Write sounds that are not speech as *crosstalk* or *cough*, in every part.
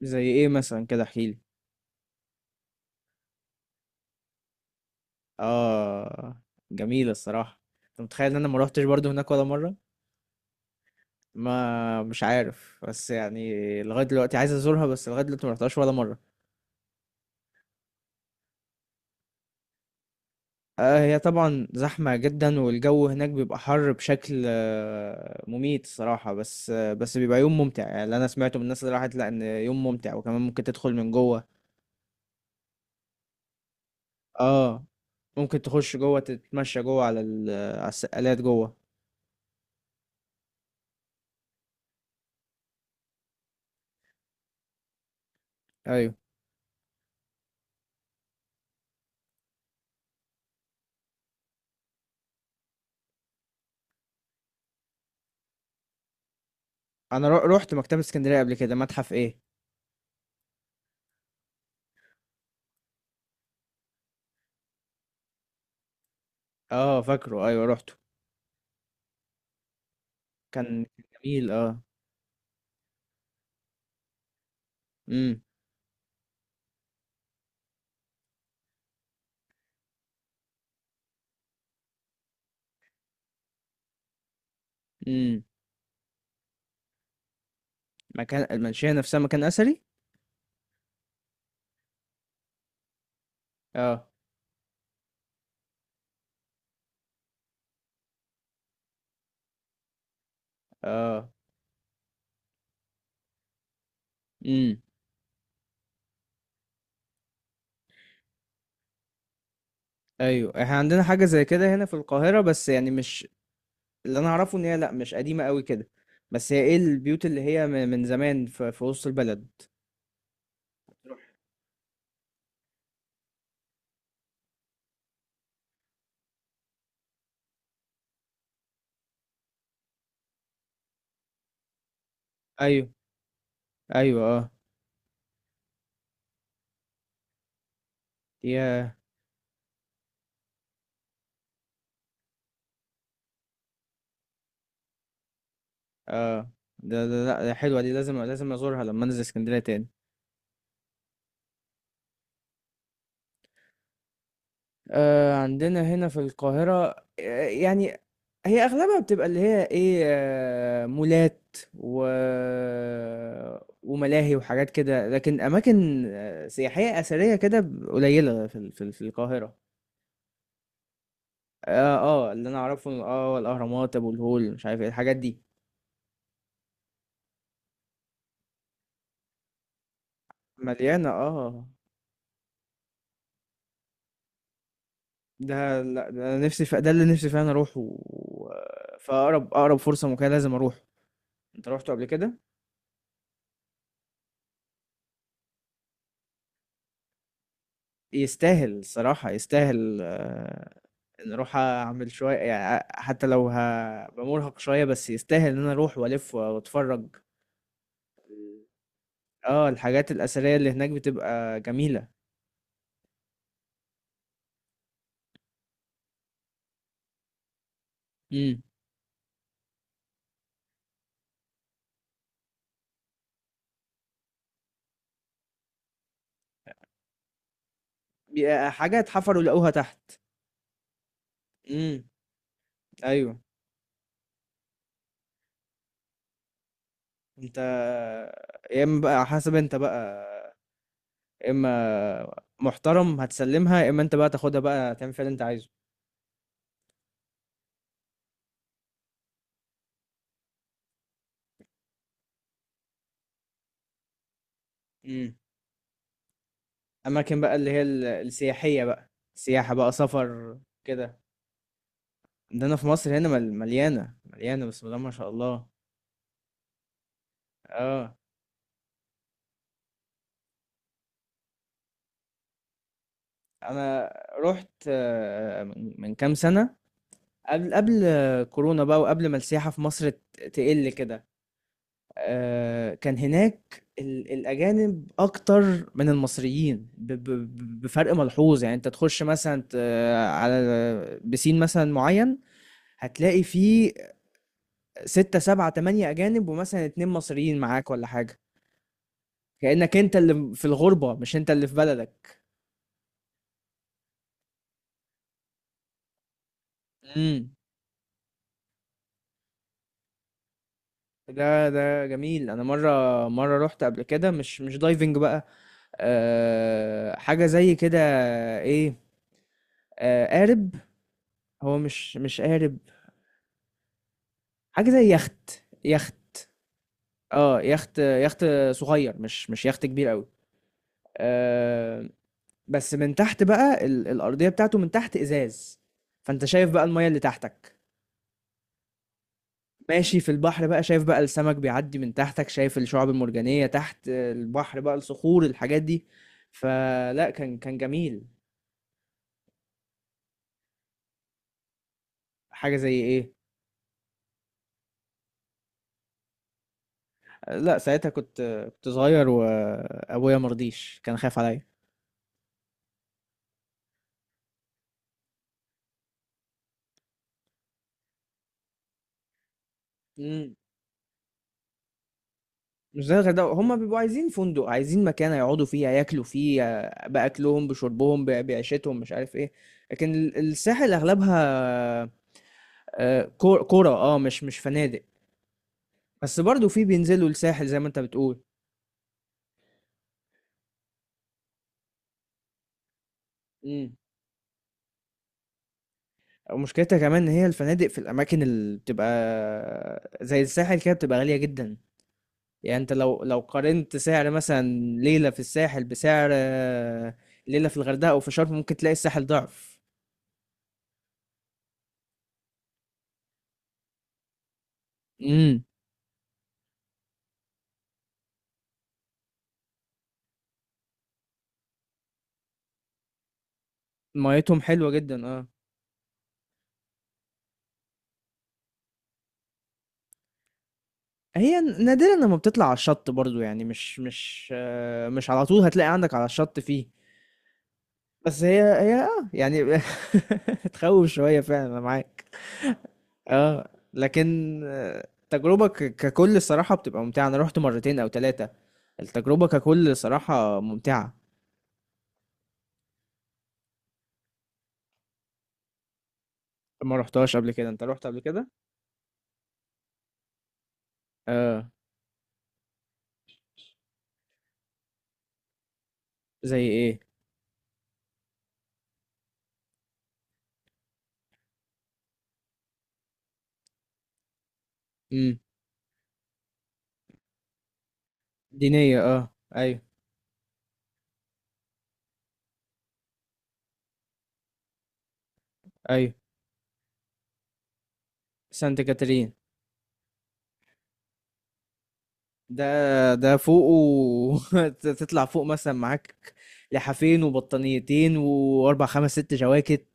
زي ايه مثلا كده احكيلي؟ اه، جميلة الصراحة. انت متخيل ان انا ما روحتش برضو هناك ولا مرة؟ ما مش عارف، بس يعني لغاية دلوقتي عايز ازورها، بس لغاية دلوقتي ما رحتهاش ولا مرة. آه، هي طبعا زحمة جدا، والجو هناك بيبقى حر بشكل مميت الصراحة. بس بيبقى يوم ممتع، يعني اللي انا سمعته من الناس اللي راحت لا ان يوم ممتع، وكمان ممكن تدخل من جوه. اه، ممكن تخش جوه تتمشى جوه على السقالات جوه. ايوه. انا روحت مكتبة اسكندرية قبل كده. متحف ايه؟ آه، فاكره. أيوه، رُحته. كان جميل، آه. إمم. إمم. مكان المنشية نفسها مكان أثري؟ آه. آه. إمم. أيوه، إحنا عندنا حاجة زي كده هنا في القاهرة، بس يعني مش. اللي أنا أعرفه إن هي، لأ، مش قديمة أوي كده. بس هي إيه البيوت اللي هي من زمان في وسط البلد. أيوه. أيوه، آه. ياه! آه. ده لأ، ده حلوة دي، لازم لازم أزورها لمّا أنزل إسكندرية تاني. عندنا هنا في القاهرة. يعني. هي أغلبها بتبقى اللي هي إيه، مولات و وملاهي وحاجات كده، لكن أماكن سياحية أثرية كده، قليلة في القاهرة. اللي أنا أعرفه، الأهرامات، أبو الهول، مش عارف إيه، الحاجات دي. مليانة، آه. ده لأ، ده أنا نفسي ده اللي نفسي فعلًا أروحه، و فأقرب أقرب فرصة ممكنة لازم أروحه. أنت رُحته قبل كده؟ يستاهل الصراحة، يستاهل، آه. إن أروح أعمل شوية، يعني حتى لو هبقى مرهق شوية بس يستاهل إن أنا أروح وألف وأتفرج. اه، الحاجات الأثرية اللي هناك بتبقى جميلة. امم. بيبقى حاجة اتحفروا لقوها تحت. امم. أيوه. أنت يا إما بقى حسب أنت بقى، يا إما محترم هتسلمها، يا إما أنت بقى تاخدها بقى تعمل فيها اللي أنت عايزه. امم. أماكن بقى اللي هي السياحية بقى. سياحة بقى، سفر كده. ده انا في مصر هنا، مليانه مليانه بسم الله ما شاء الله. اه. انا رحت من كام سنه. قبل كورونا بقى، وقبل ما السياحه في مصر تقل كده. كان هناك الاجانب اكتر من المصريين بفرق ملحوظ، يعني انت تخش مثلا على بسين مثلا معين. هتلاقي فيه ستة سبعة تمانية أجانب، ومثلا اتنين مصريين معاك ولا حاجة. كأنك انت اللي في الغربة مش انت اللي في بلدك. امم. ده جميل. انا مره مره رحت قبل كده مش دايفنج بقى. أه، حاجه زي كده. ايه. أه، قارب. هو مش قارب. حاجه زي يخت، يخت. اه، يخت يخت. صغير، مش يخت كبير قوي. أه. بس من تحت بقى الارضيه بتاعته من تحت ازاز. فانت شايف بقى الميه اللي تحتك. ماشي في البحر بقى، شايف بقى السمك بيعدي من تحتك، شايف الشعاب المرجانية تحت البحر بقى، الصخور الحاجات دي. فلا، كان جميل. حاجة زي ايه؟ آه، لا ساعتها كنت كنت صغير، وابويا مرضيش كان خايف عليا. مم. مش زي الغردقة، هما بيبقوا عايزين فندق، عايزين مكان يقعدوا فيه ياكلوا فيه، بأكلهم بشربهم بعيشتهم مش عارف ايه. لكن الساحل اغلبها كرة، مش فنادق. بس برضو في بينزلوا الساحل زي ما انت بتقول. مم. ومشكلتها كمان ان هي الفنادق في الاماكن اللي بتبقى زي الساحل كده بتبقى غالية جدا. يعني انت لو قارنت سعر مثلا ليلة في الساحل بسعر ليلة في الغردقة او في شرم، ممكن تلاقي الساحل ضعف. امم. ميتهم حلوة جدا، اه. هي نادرا لما بتطلع على الشط برضو، يعني مش على طول هتلاقي عندك على الشط فيه. بس هي، يعني. *laughs* تخوف شوية فعلا، انا معاك. اه. لكن التجربة ككل الصراحة بتبقى ممتعة. انا رحت مرتين او ثلاثة. التجربة ككل صراحة ممتعة. ما رحتهاش قبل كده؟ انت رحت قبل كده؟ اه. زي ايه؟ امم. دينية، اه. ايوه. ايوه. سانت كاترين. ده ده فوق. *laughs* تطلع فوق مثلا معاك لحافين وبطانيتين واربع خمس ست جواكت.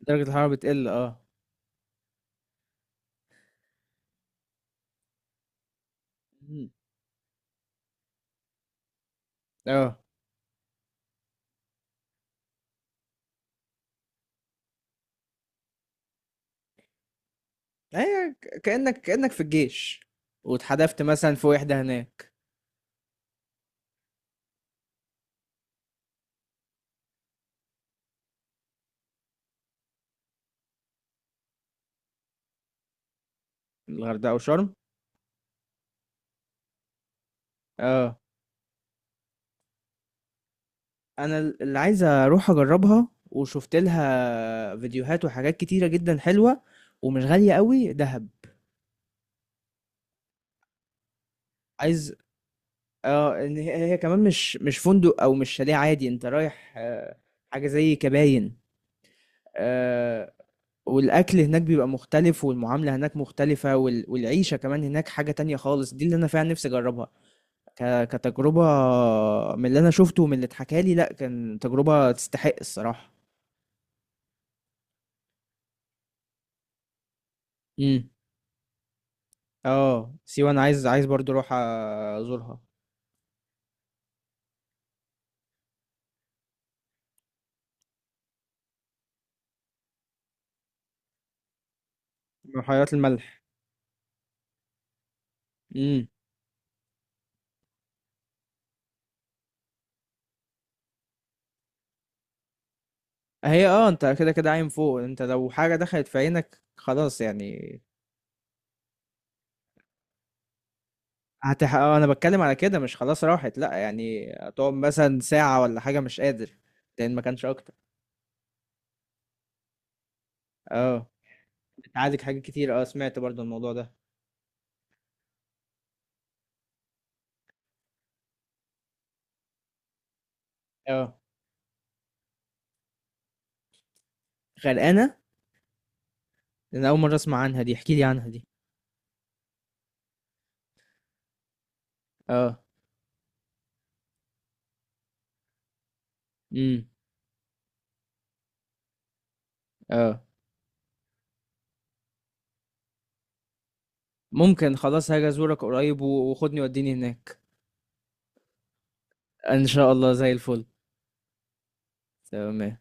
درجة الحرارة بتقل، اه. مم. اه، هي كأنك في الجيش واتحدفت مثلا في وحدة هناك. الغردقة وشرم. اه، انا اللي عايز اروح اجربها، وشفت لها فيديوهات وحاجات كتيرة جدا حلوة. ومش غالية قوي دهب. عايز. اه، ان هي كمان مش فندق او مش شاليه عادي. انت رايح حاجة زي كباين. آه. والاكل هناك بيبقى مختلف، والمعاملة هناك مختلفة، والعيشة كمان هناك حاجة تانية خالص، دي اللي انا فعلا نفسي اجربها كتجربة. من اللي انا شفته ومن اللي اتحكى لي، لا، كان تجربة تستحق الصراحة. امم. اه، سيوة انا عايز عايز برضو اروح ازورها. بحيرات الملح. امم. هي، اه، انت كده كده عايم فوق. انت لو حاجة دخلت في عينك خلاص يعني. هتح... آه، انا بتكلم على كده، مش خلاص راحت، لا يعني هتقعد مثلا ساعة ولا حاجة، مش قادر. لان ما كانش اكتر. اه، بتعالج حاجات كتير. اه، سمعت برضو الموضوع ده. اه. غرقانة. انا اول مرة اسمع عنها دي، احكي لي عنها دي. اه. اه. ممكن خلاص، هاجي ازورك قريب، وخدني وديني هناك. ان شاء الله، زي الفل. تمام.